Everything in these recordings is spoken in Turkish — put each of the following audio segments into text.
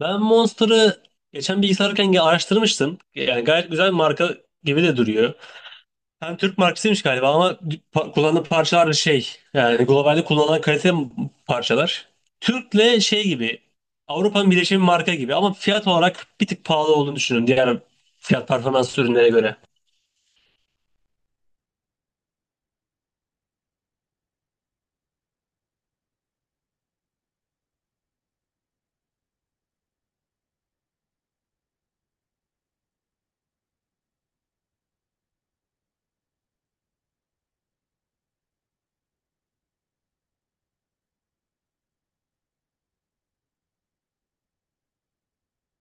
Ben Monster'ı geçen bilgisayarken araştırmıştım. Yani gayet güzel bir marka gibi de duruyor. Hem Türk markasıymış galiba ama kullandığı parçalar da şey yani globalde kullanılan kalite parçalar. Türk'le şey gibi Avrupa'nın birleşimi marka gibi ama fiyat olarak bir tık pahalı olduğunu düşünün diğer fiyat performans ürünlere göre.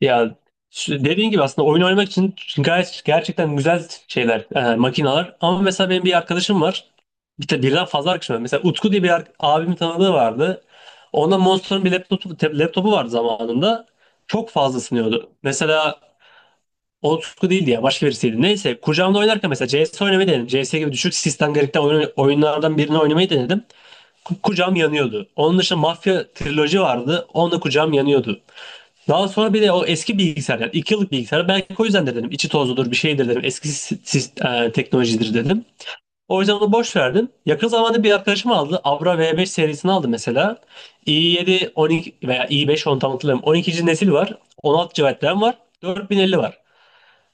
Ya dediğin gibi aslında oyun oynamak için gayet gerçekten güzel şeyler, makineler. Ama mesela benim bir arkadaşım var. Bir de birden fazla arkadaşım var. Mesela Utku diye bir abimin tanıdığı vardı. Onda Monster'ın bir laptopu, laptopu vardı zamanında. Çok fazla ısınıyordu. Mesela o Utku değildi ya, başka birisiydi. Neyse, kucağımda oynarken mesela CS oynamayı denedim. CS gibi düşük sistem gerektiren oyunlardan birini oynamayı denedim. Kucağım yanıyordu. Onun dışında Mafya Trilogy vardı. Onda kucağım yanıyordu. Daha sonra bir de o eski bilgisayar, yani 2 yıllık bilgisayar, belki o yüzden de dedim içi tozludur bir şeydir dedim, eski teknolojidir dedim. O yüzden onu boş verdim. Yakın zamanda bir arkadaşım aldı. Avra V5 serisini aldı mesela. i7 12 veya i5, onu tam hatırlamıyorum. 12. nesil var. 16 GB RAM var. 4050 var.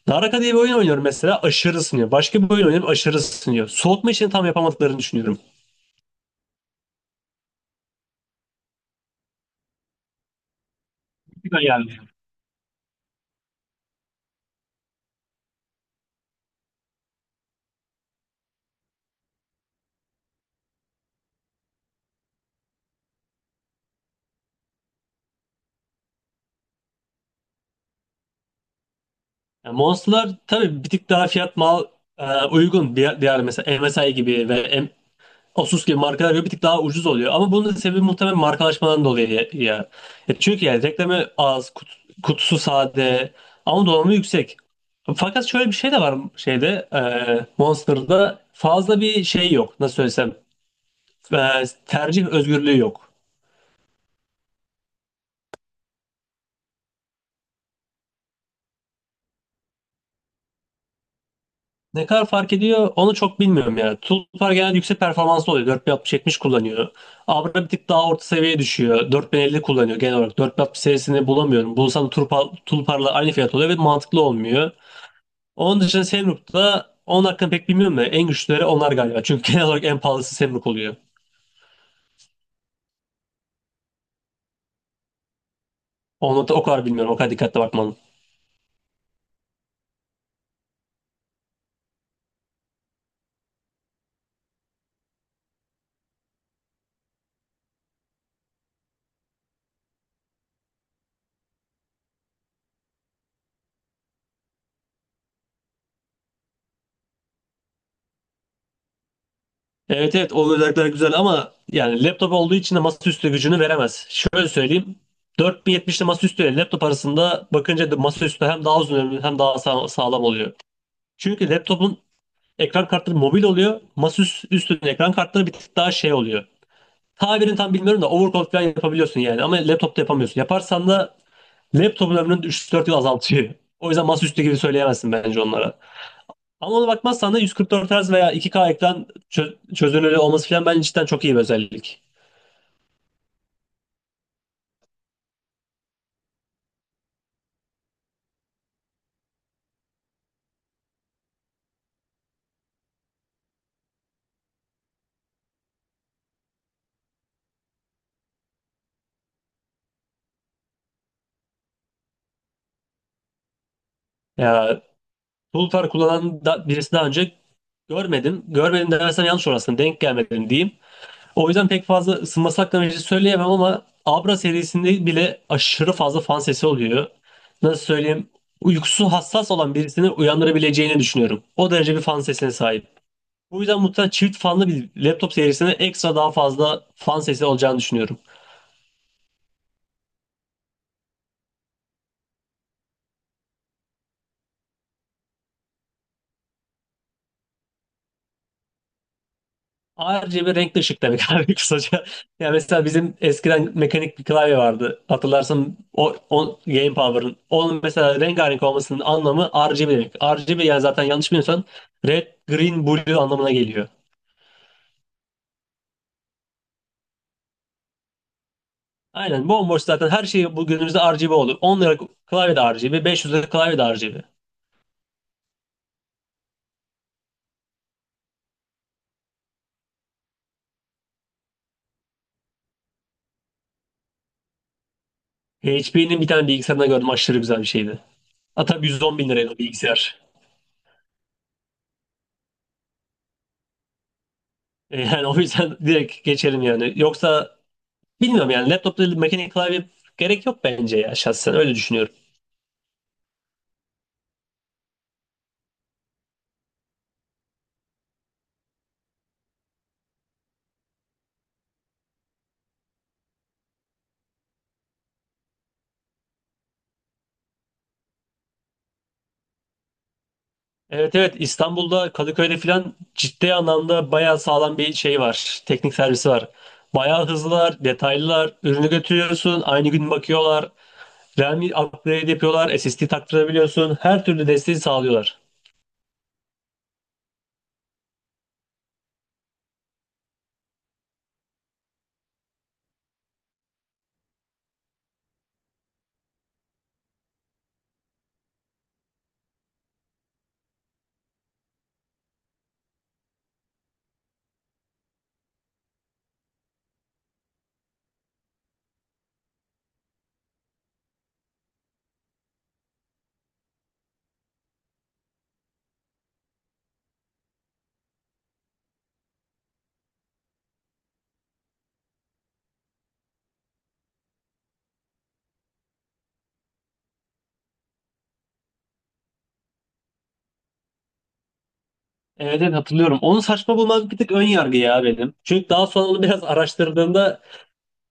Naraka diye bir oyun oynuyorum mesela. Aşırı ısınıyor. Başka bir oyun oynuyorum. Aşırı ısınıyor. Soğutma işini tam yapamadıklarını düşünüyorum. Süper. Yani Monster'lar tabii bir tık daha fiyat mal uygun. Diğer mesela MSI gibi ve M- Asus gibi markalar böyle bir tık daha ucuz oluyor. Ama bunun da sebebi muhtemelen markalaşmadan dolayı ya. E çünkü yani reklamı az, kutusu sade ama donanımı yüksek. Fakat şöyle bir şey de var, şeyde Monster'da fazla bir şey yok. Nasıl söylesem, e, tercih özgürlüğü yok. Ne kadar fark ediyor onu çok bilmiyorum ya. Tulpar genelde yüksek performanslı oluyor. 4060-70 kullanıyor. Abra bir tık daha orta seviyeye düşüyor. 4050 kullanıyor genel olarak. 4060 serisini bulamıyorum. Bulsam da Tulpar'la aynı fiyat oluyor ve mantıklı olmuyor. Onun dışında Semruk'ta, onun hakkında pek bilmiyorum da en güçlüleri onlar galiba. Çünkü genel olarak en pahalısı Semruk oluyor. Onu da o kadar bilmiyorum. O kadar dikkatli bakmalım. Evet evet, o özellikler güzel ama yani laptop olduğu için de masaüstü gücünü veremez. Şöyle söyleyeyim. 4070 ile masaüstü ile laptop arasında bakınca da masaüstü hem daha uzun ömürlü hem daha sağlam oluyor. Çünkü laptopun ekran kartları mobil oluyor. Masaüstünün ekran kartları bir tık daha şey oluyor. Tabirini tam bilmiyorum da overclock falan yapabiliyorsun yani, ama laptopta yapamıyorsun. Yaparsan da laptopun ömrünü 3-4 yıl azaltıyor. O yüzden masaüstü gibi söyleyemezsin bence onlara. Ama ona bakmazsan da 144 Hz veya 2K ekran çözünürlüğü olması falan bence cidden çok iyi bir özellik. Ya, Pulsar kullanan da birisi, daha önce görmedim. Görmedim dersem yanlış olur, denk gelmedim diyeyim. O yüzden pek fazla ısınması hakkında bir şey söyleyemem, ama Abra serisinde bile aşırı fazla fan sesi oluyor. Nasıl söyleyeyim? Uykusu hassas olan birisini uyandırabileceğini düşünüyorum. O derece bir fan sesine sahip. Bu yüzden muhtemelen çift fanlı bir laptop serisine ekstra daha fazla fan sesi olacağını düşünüyorum. Ayrıca bir renkli ışık demek abi, kısaca. Ya mesela bizim eskiden mekanik bir klavye vardı. Hatırlarsan o Game Power'ın. Onun mesela rengarenk olmasının anlamı RGB demek. RGB yani, zaten yanlış bilmiyorsan, red, green, blue anlamına geliyor. Aynen, bomboş zaten. Her şey bu günümüzde RGB oldu. 10 lira klavye de R G B, 500 lira klavye de RGB. HP'nin bir tane bilgisayarında gördüm, aşırı güzel bir şeydi. Hatta 110 bin liraydı o bilgisayar. Yani o yüzden direkt geçelim yani. Yoksa bilmiyorum, yani laptopta mekanik klavye gerek yok bence ya, şahsen öyle düşünüyorum. Evet evet, İstanbul'da Kadıköy'de filan ciddi anlamda bayağı sağlam bir şey var. Teknik servisi var. Bayağı hızlılar, detaylılar. Ürünü götürüyorsun, aynı gün bakıyorlar. RAM upgrade yapıyorlar, SSD taktırabiliyorsun. Her türlü desteği sağlıyorlar. Evet evet, hatırlıyorum. Onu saçma bulmak bir tık ön yargı ya benim. Çünkü daha sonra onu biraz araştırdığımda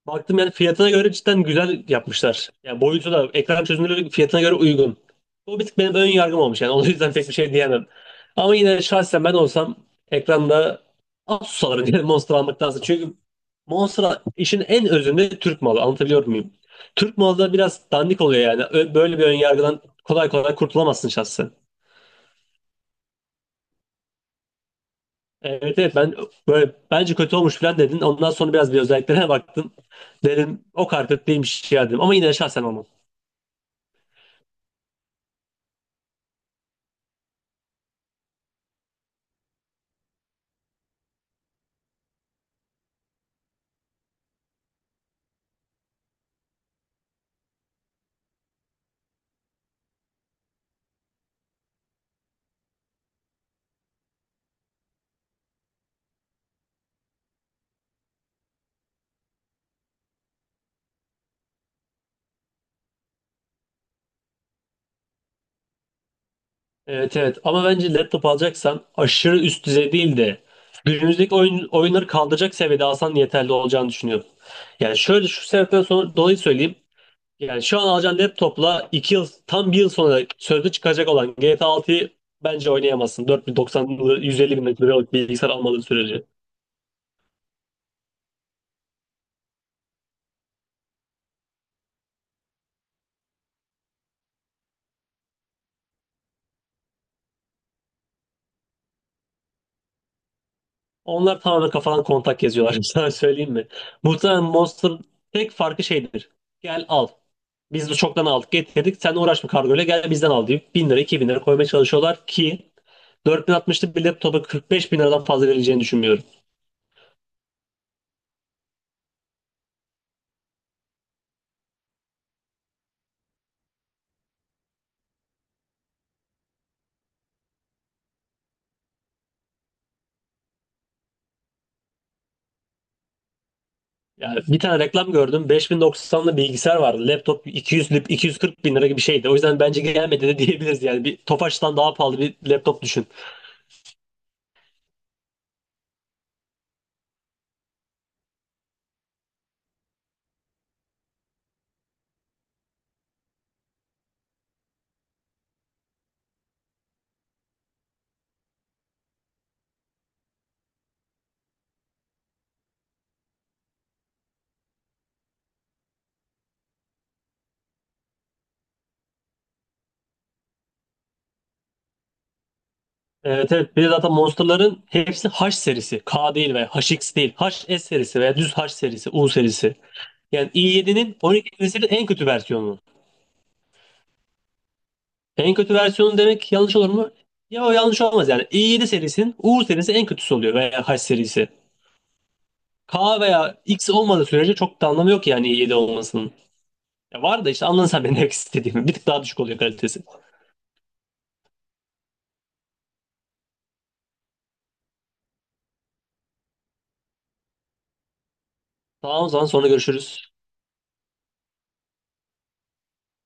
baktım, yani fiyatına göre cidden güzel yapmışlar. Yani boyutu da, ekran çözünürlüğü fiyatına göre uygun. Bu bir tık benim ön yargım olmuş yani. O yüzden pek bir şey diyemem. Ama yine şahsen ben olsam ekranda Asus alırım yani, Monster almaktansa. Çünkü Monster işin en özünde Türk malı. Anlatabiliyor muyum? Türk malı da biraz dandik oluyor yani. Böyle bir ön yargıdan kolay kolay kurtulamazsın şahsen. Evet evet, ben böyle, bence kötü olmuş falan dedin. Ondan sonra biraz bir özelliklerine baktım. Dedim o kadar kötü değilmiş ya dedim. Ama yine de şahsen olmam. Evet evet, ama bence laptop alacaksan aşırı üst düzey değil de günümüzdeki oyunları kaldıracak seviyede alsan yeterli olacağını düşünüyorum. Yani şöyle şu sebepten sonra dolayı söyleyeyim. Yani şu an alacağın laptopla 2 yıl, tam bir yıl sonra sözde çıkacak olan GTA 6'yı bence oynayamazsın. 4090'lı 150 bin liralık bilgisayar almadığın sürece. Onlar tamamen kafadan kontak yazıyorlar. Sana söyleyeyim mi? Muhtemelen monster, tek farkı şeydir. Gel al. Biz bu çoktan aldık getirdik. Sen uğraşma kargoyla, gel bizden al deyip 1.000 lira 2.000 lira koymaya çalışıyorlar ki 4060'lık bir laptopa 45 bin liradan fazla verileceğini düşünmüyorum. Yani bir tane reklam gördüm. 5090'lı bilgisayar vardı. Laptop 200 240 bin lira gibi bir şeydi. O yüzden bence gelmedi de diyebiliriz yani. Bir Tofaş'tan daha pahalı bir laptop düşün. Evet evet. Bir de zaten Monster'ların hepsi H serisi. K değil veya HX değil. H S serisi veya düz H serisi, U serisi. Yani i7'nin 12 serisinin en kötü versiyonu. En kötü versiyonu demek yanlış olur mu? Ya o yanlış olmaz yani. i7 serisinin U serisi en kötüsü oluyor veya H serisi. K veya X olmadığı sürece çok da anlamı yok yani i7 olmasının. Ya var da, işte anladın sen benim demek istediğimi. Bir tık daha düşük oluyor kalitesi. Tamam, o zaman sonra görüşürüz.